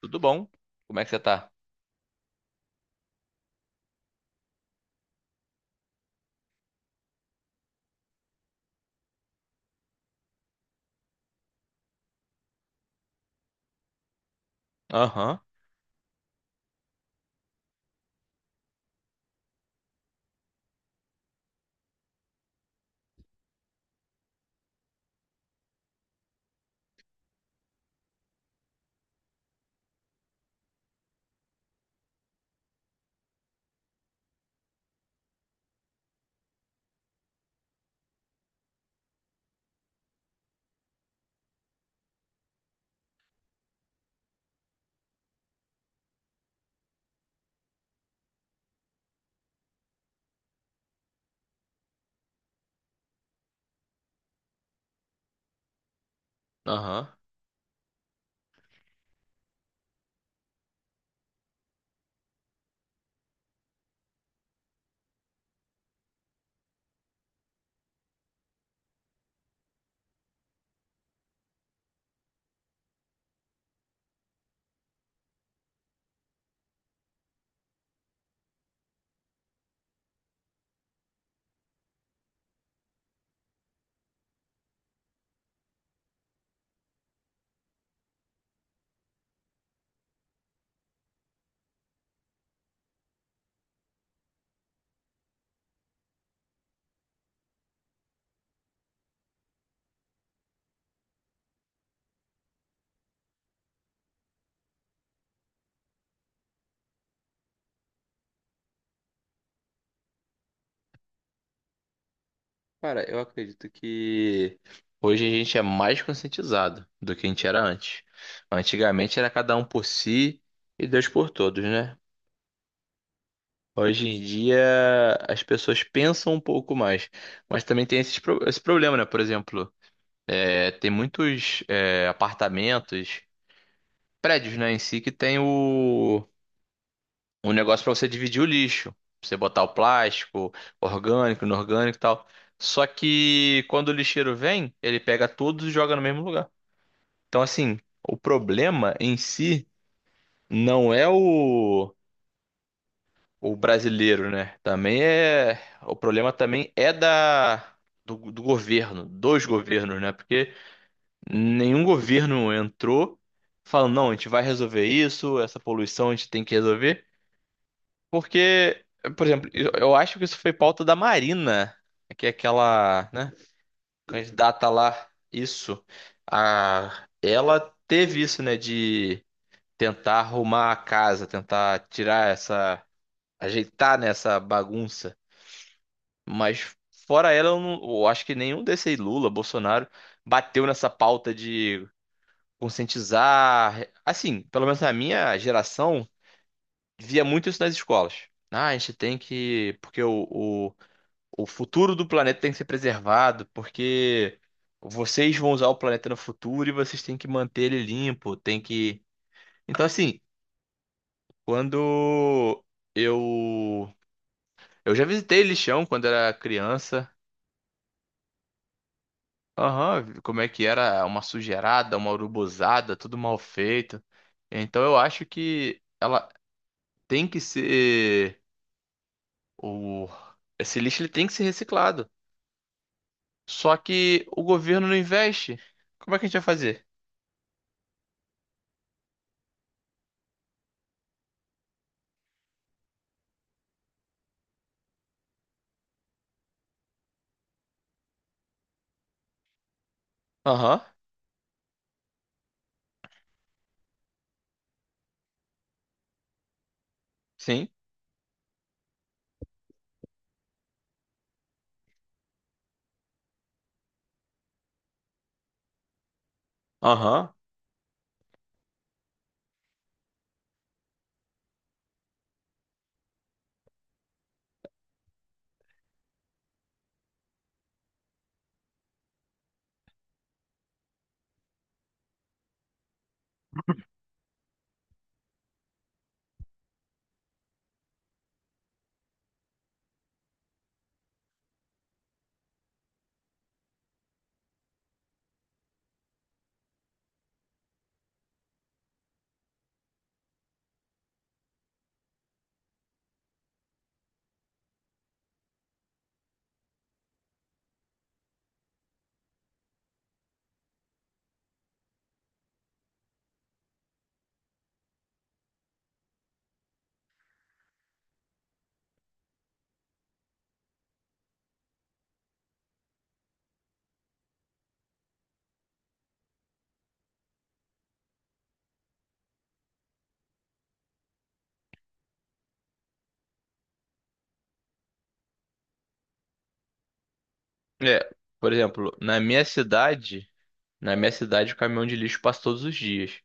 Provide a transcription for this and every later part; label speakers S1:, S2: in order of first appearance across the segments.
S1: Tudo bom? Como é que você tá? Aham, aham. Cara, eu acredito que hoje a gente é mais conscientizado do que a gente era antes. Antigamente era cada um por si e Deus por todos, né? Hoje em dia as pessoas pensam um pouco mais, mas também tem esse problema, né? Por exemplo, tem muitos apartamentos, prédios, né, em si que tem o um negócio para você dividir o lixo, pra você botar o plástico, orgânico, inorgânico e tal. Só que quando o lixeiro vem, ele pega todos e joga no mesmo lugar. Então, assim, o problema em si não é o brasileiro, né? Também é. O problema também é da. Do governo, dos governos, né? Porque nenhum governo entrou falando, não, a gente vai resolver isso, essa poluição a gente tem que resolver. Porque, por exemplo, eu acho que isso foi pauta da Marina, que é aquela, né, candidata lá, isso. A, ela teve isso, né, de tentar arrumar a casa, tentar tirar essa, ajeitar nessa bagunça. Mas fora ela, eu, não, eu acho que nenhum desses Lula, Bolsonaro, bateu nessa pauta de conscientizar. Assim, pelo menos na minha geração, via muito isso nas escolas. Ah, a gente tem que, o futuro do planeta tem que ser preservado, porque vocês vão usar o planeta no futuro e vocês têm que manter ele limpo, tem que. Então, assim, quando eu. Eu já visitei lixão quando era criança. Aham, como é que era? Uma sujeirada, uma urubuzada, tudo mal feito. Então eu acho que ela tem que ser. O... Esse lixo ele tem que ser reciclado. Só que o governo não investe. Como é que a gente vai fazer? Aham, sim. Aham. É, por exemplo, na minha cidade o caminhão de lixo passa todos os dias.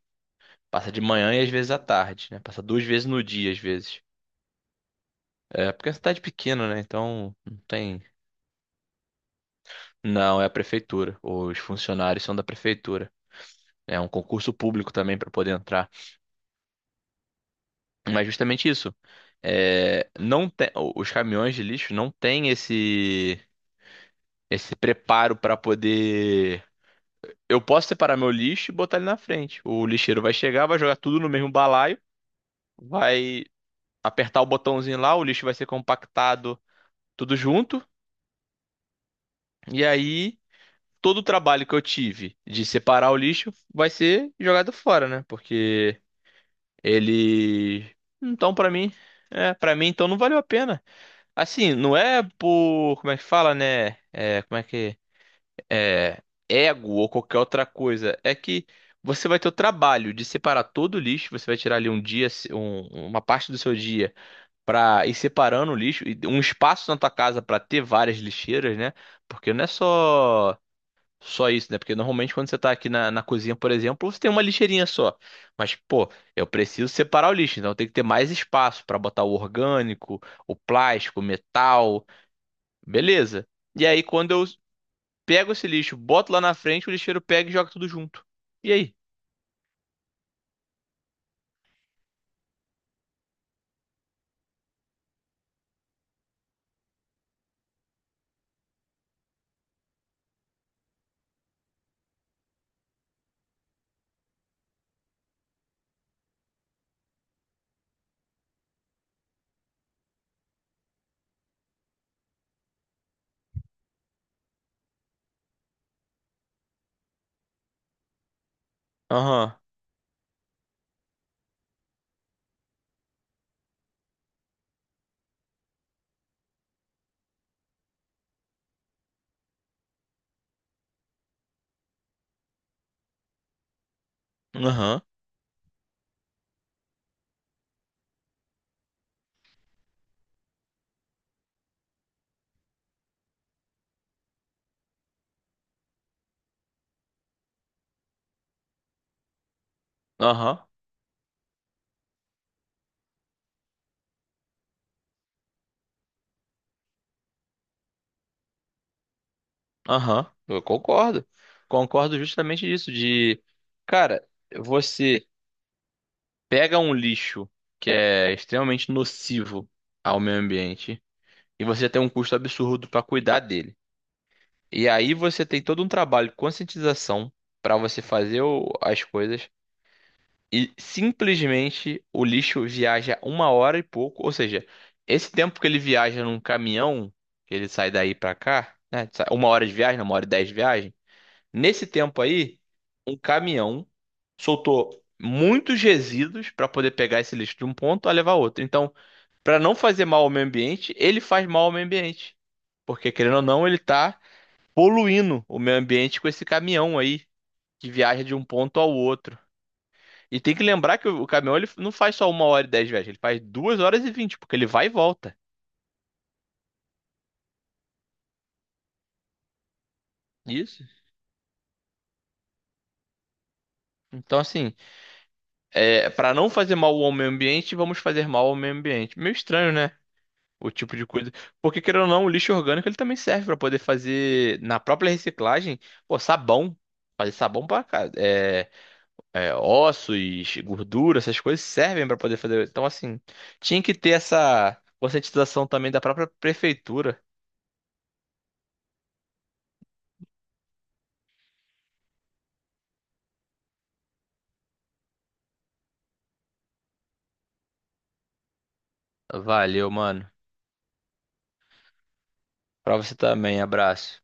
S1: Passa de manhã e às vezes à tarde, né? Passa duas vezes no dia, às vezes. É, porque é uma cidade pequena, né? Então não tem. Não, é a prefeitura. Os funcionários são da prefeitura. É um concurso público também para poder entrar. Mas justamente isso. É, não tem, os caminhões de lixo não têm esse preparo para poder. Eu posso separar meu lixo e botar ele na frente. O lixeiro vai chegar, vai jogar tudo no mesmo balaio, vai apertar o botãozinho lá, o lixo vai ser compactado tudo junto. E aí, todo o trabalho que eu tive de separar o lixo vai ser jogado fora, né? Porque ele. Então, pra mim. É, para mim, então não valeu a pena. Assim, não é por. Como é que fala, né? É, como é que. É, ego ou qualquer outra coisa. É que você vai ter o trabalho de separar todo o lixo, você vai tirar ali um dia, uma parte do seu dia para ir separando o lixo, e um espaço na tua casa para ter várias lixeiras, né? Porque não é só isso, né? Porque normalmente quando você tá aqui na cozinha, por exemplo, você tem uma lixeirinha só. Mas, pô, eu preciso separar o lixo, então tem que ter mais espaço para botar o orgânico, o plástico, o metal, beleza. E aí, quando eu pego esse lixo, boto lá na frente, o lixeiro pega e joga tudo junto. E aí? Aham, aham, aham, aham. Eu concordo. Concordo justamente disso, de, cara, você pega um lixo que é extremamente nocivo ao meio ambiente e você tem um custo absurdo para cuidar dele. E aí você tem todo um trabalho de conscientização para você fazer as coisas. E simplesmente o lixo viaja uma hora e pouco. Ou seja, esse tempo que ele viaja num caminhão, que ele sai daí pra cá, né? Uma hora de viagem, não, uma hora e dez de viagem. Nesse tempo aí, um caminhão soltou muitos resíduos pra poder pegar esse lixo de um ponto a levar a outro. Então, pra não fazer mal ao meio ambiente, ele faz mal ao meio ambiente. Porque, querendo ou não, ele tá poluindo o meio ambiente com esse caminhão aí que viaja de um ponto ao outro. E tem que lembrar que o caminhão ele não faz só uma hora e dez viagens, ele faz duas horas e vinte, porque ele vai e volta. Isso. Então, assim, para não fazer mal ao meio ambiente, vamos fazer mal ao meio ambiente. Meio estranho, né? O tipo de coisa. Porque, querendo ou não, o lixo orgânico ele também serve para poder fazer, na própria reciclagem, pô, sabão. Fazer sabão para é, ossos, gordura, essas coisas servem para poder fazer. Então, assim, tinha que ter essa conscientização também da própria prefeitura. Valeu, mano. Pra você também, abraço.